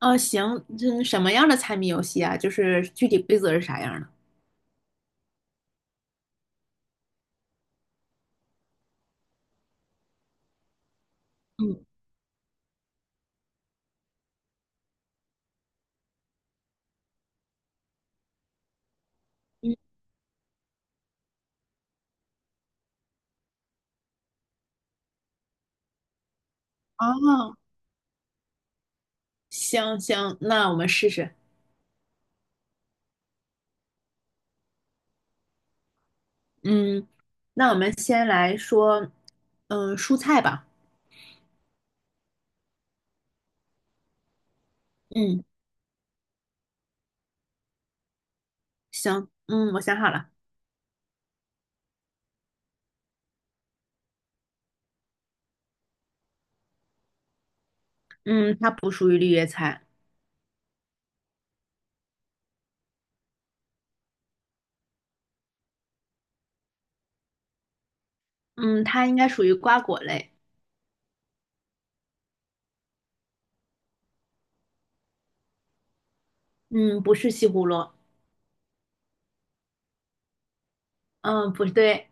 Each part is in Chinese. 哦，行，嗯，什么样的猜谜游戏啊？就是具体规则是啥样的？嗯嗯，哦，行行，那我们试试。嗯，那我们先来说，嗯，蔬菜吧。嗯，行，嗯，我想好了。嗯，它不属于绿叶菜。嗯，它应该属于瓜果类。嗯，不是西葫芦。嗯，不对。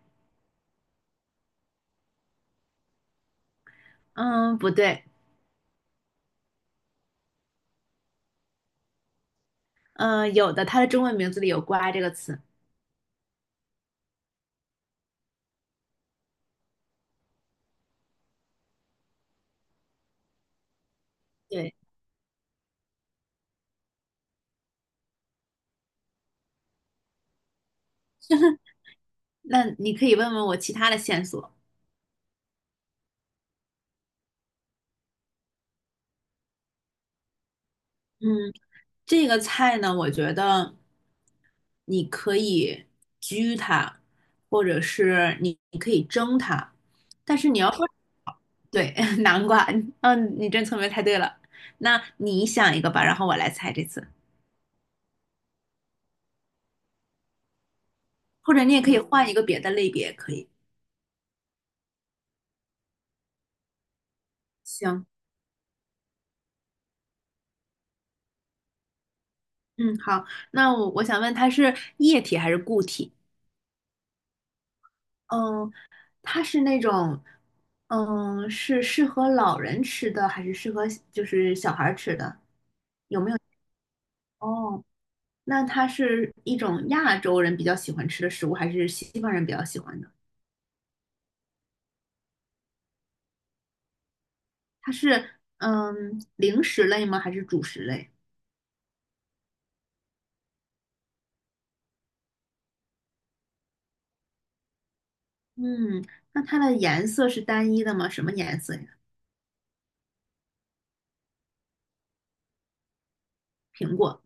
嗯，不对。嗯，有的，它的中文名字里有"瓜"这个词。对，那你可以问问我其他的线索。嗯。这个菜呢，我觉得你可以焗它，或者是你可以蒸它，但是你要说对 南瓜，嗯，你真聪明，猜对了。那你想一个吧，然后我来猜这次，或者你也可以换一个别的类别，可以。行，嗯，好，那我想问，它是液体还是固体？嗯，它是那种，嗯，是适合老人吃的，还是适合就是小孩儿吃的？哦。那它是一种亚洲人比较喜欢吃的食物，还是西方人比较喜欢的？它是零食类吗？还是主食类？嗯，那它的颜色是单一的吗？什么颜色呀？苹果，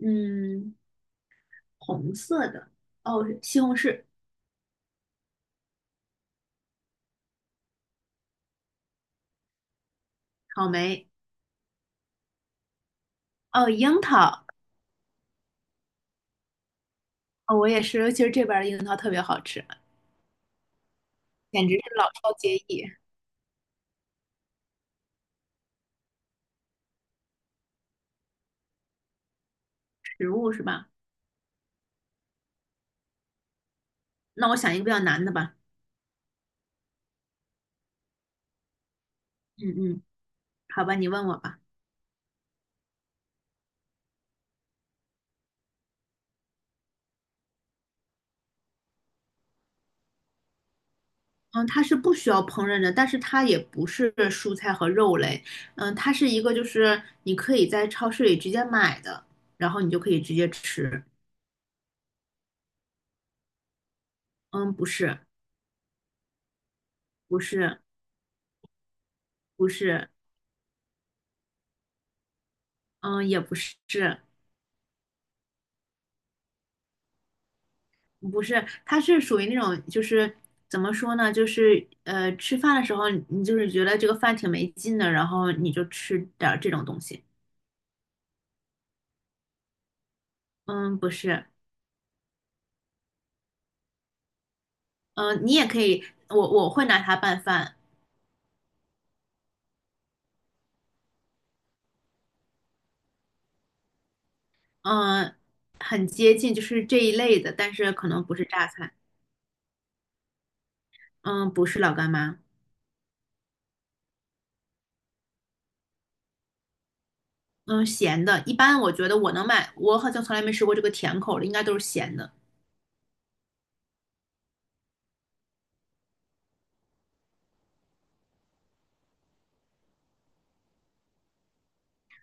嗯，红色的，哦，西红柿，草莓，哦，樱桃，哦，我也是，尤其是这边儿的樱桃特别好吃，简直是老少皆宜，食物是吧？那我想一个比较难的吧，嗯嗯，好吧，你问我吧。嗯，它是不需要烹饪的，但是它也不是蔬菜和肉类，嗯，它是一个就是你可以在超市里直接买的，然后你就可以直接吃。嗯，不是，不是，不是，嗯，也不是，不是，它是属于那种就是怎么说呢，就是吃饭的时候你就是觉得这个饭挺没劲的，然后你就吃点儿这种东西。嗯，不是，嗯，你也可以，我会拿它拌饭。嗯，很接近，就是这一类的，但是可能不是榨菜。嗯，不是老干妈。嗯，咸的。一般我觉得我能买，我好像从来没吃过这个甜口的，应该都是咸的。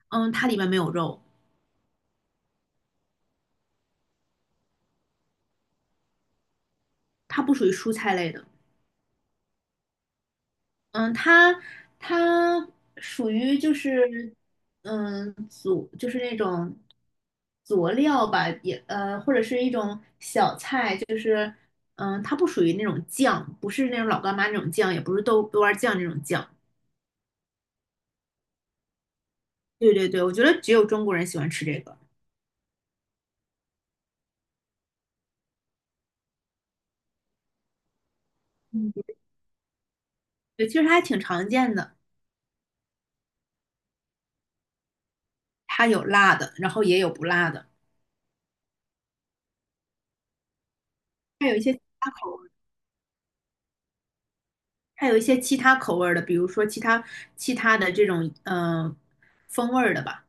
嗯，它里面没有肉，它不属于蔬菜类的。嗯，它属于就是佐，就是那种佐料吧，也或者是一种小菜，就是，它不属于那种酱，不是那种老干妈那种酱，也不是豆瓣酱那种酱。对对对，我觉得只有中国人喜欢吃这个。嗯，对，其实它还挺常见的，它有辣的，然后也有不辣的，还有一些其他口味，还有一些其他口味儿的，比如说其他的这种风味儿的吧。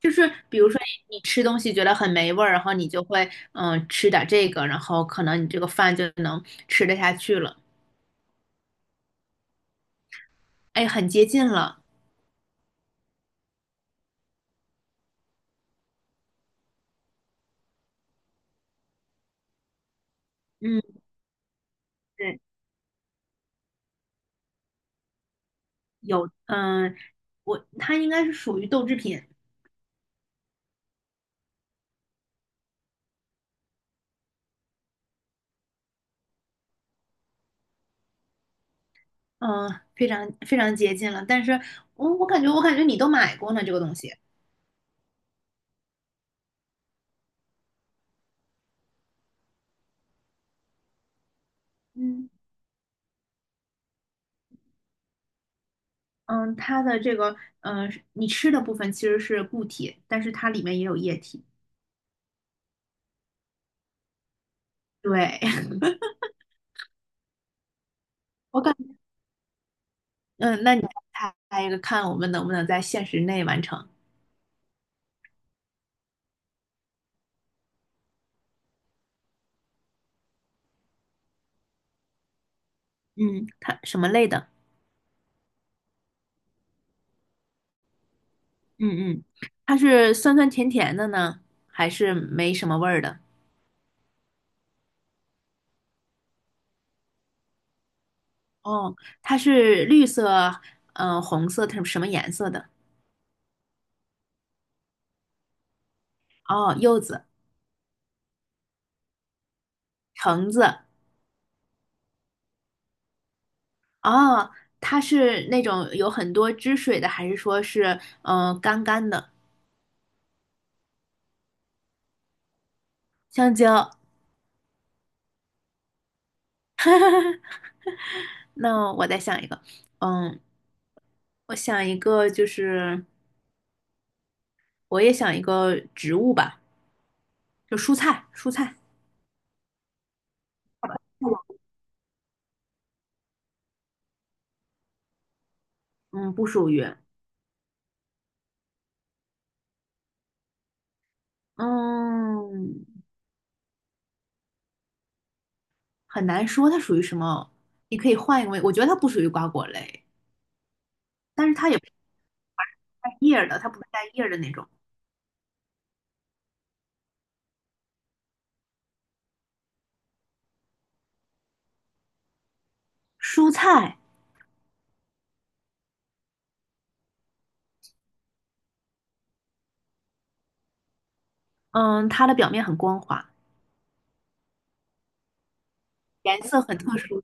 就是比如说你吃东西觉得很没味儿，然后你就会吃点这个，然后可能你这个饭就能吃得下去了，哎，很接近了。嗯，对，有嗯、呃我它应该是属于豆制品。嗯，非常非常接近了。但是我感觉你都买过呢，这个东西。嗯，嗯，它的这个你吃的部分其实是固体，但是它里面也有液体。对，我感嗯，那你再猜一个，看我们能不能在限时内完成。嗯，它什么类的？嗯嗯，它是酸酸甜甜的呢，还是没什么味儿的？哦，它是绿色，红色，它是什么颜色的？哦，柚子、橙子，哦，它是那种有很多汁水的，还是说是干干的香蕉？那我再想一个，嗯，我想一个就是我也想一个植物吧，就蔬菜，蔬菜，嗯，不属于，嗯，很难说它属于什么，你可以换一个位，我觉得它不属于瓜果类，但是它也不是带叶儿的，它不是带叶儿的那种蔬菜，嗯，它的表面很光滑，颜色很特殊，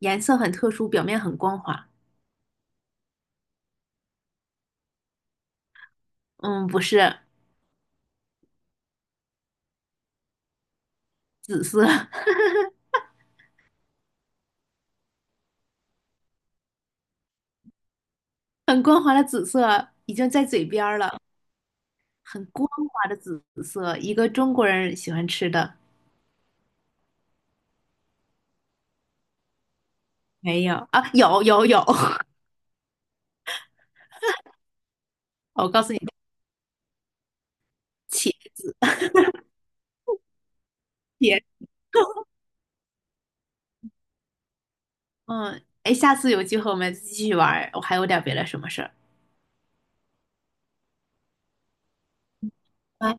颜色很特殊，表面很光滑。嗯，不是紫色，很光滑的紫色，已经在嘴边儿了，很光滑的紫色，一个中国人喜欢吃的。没有啊，有有有，我告诉你，茄茄，嗯，哎，下次有机会我们继续玩儿，我还有点别的什么事儿。拜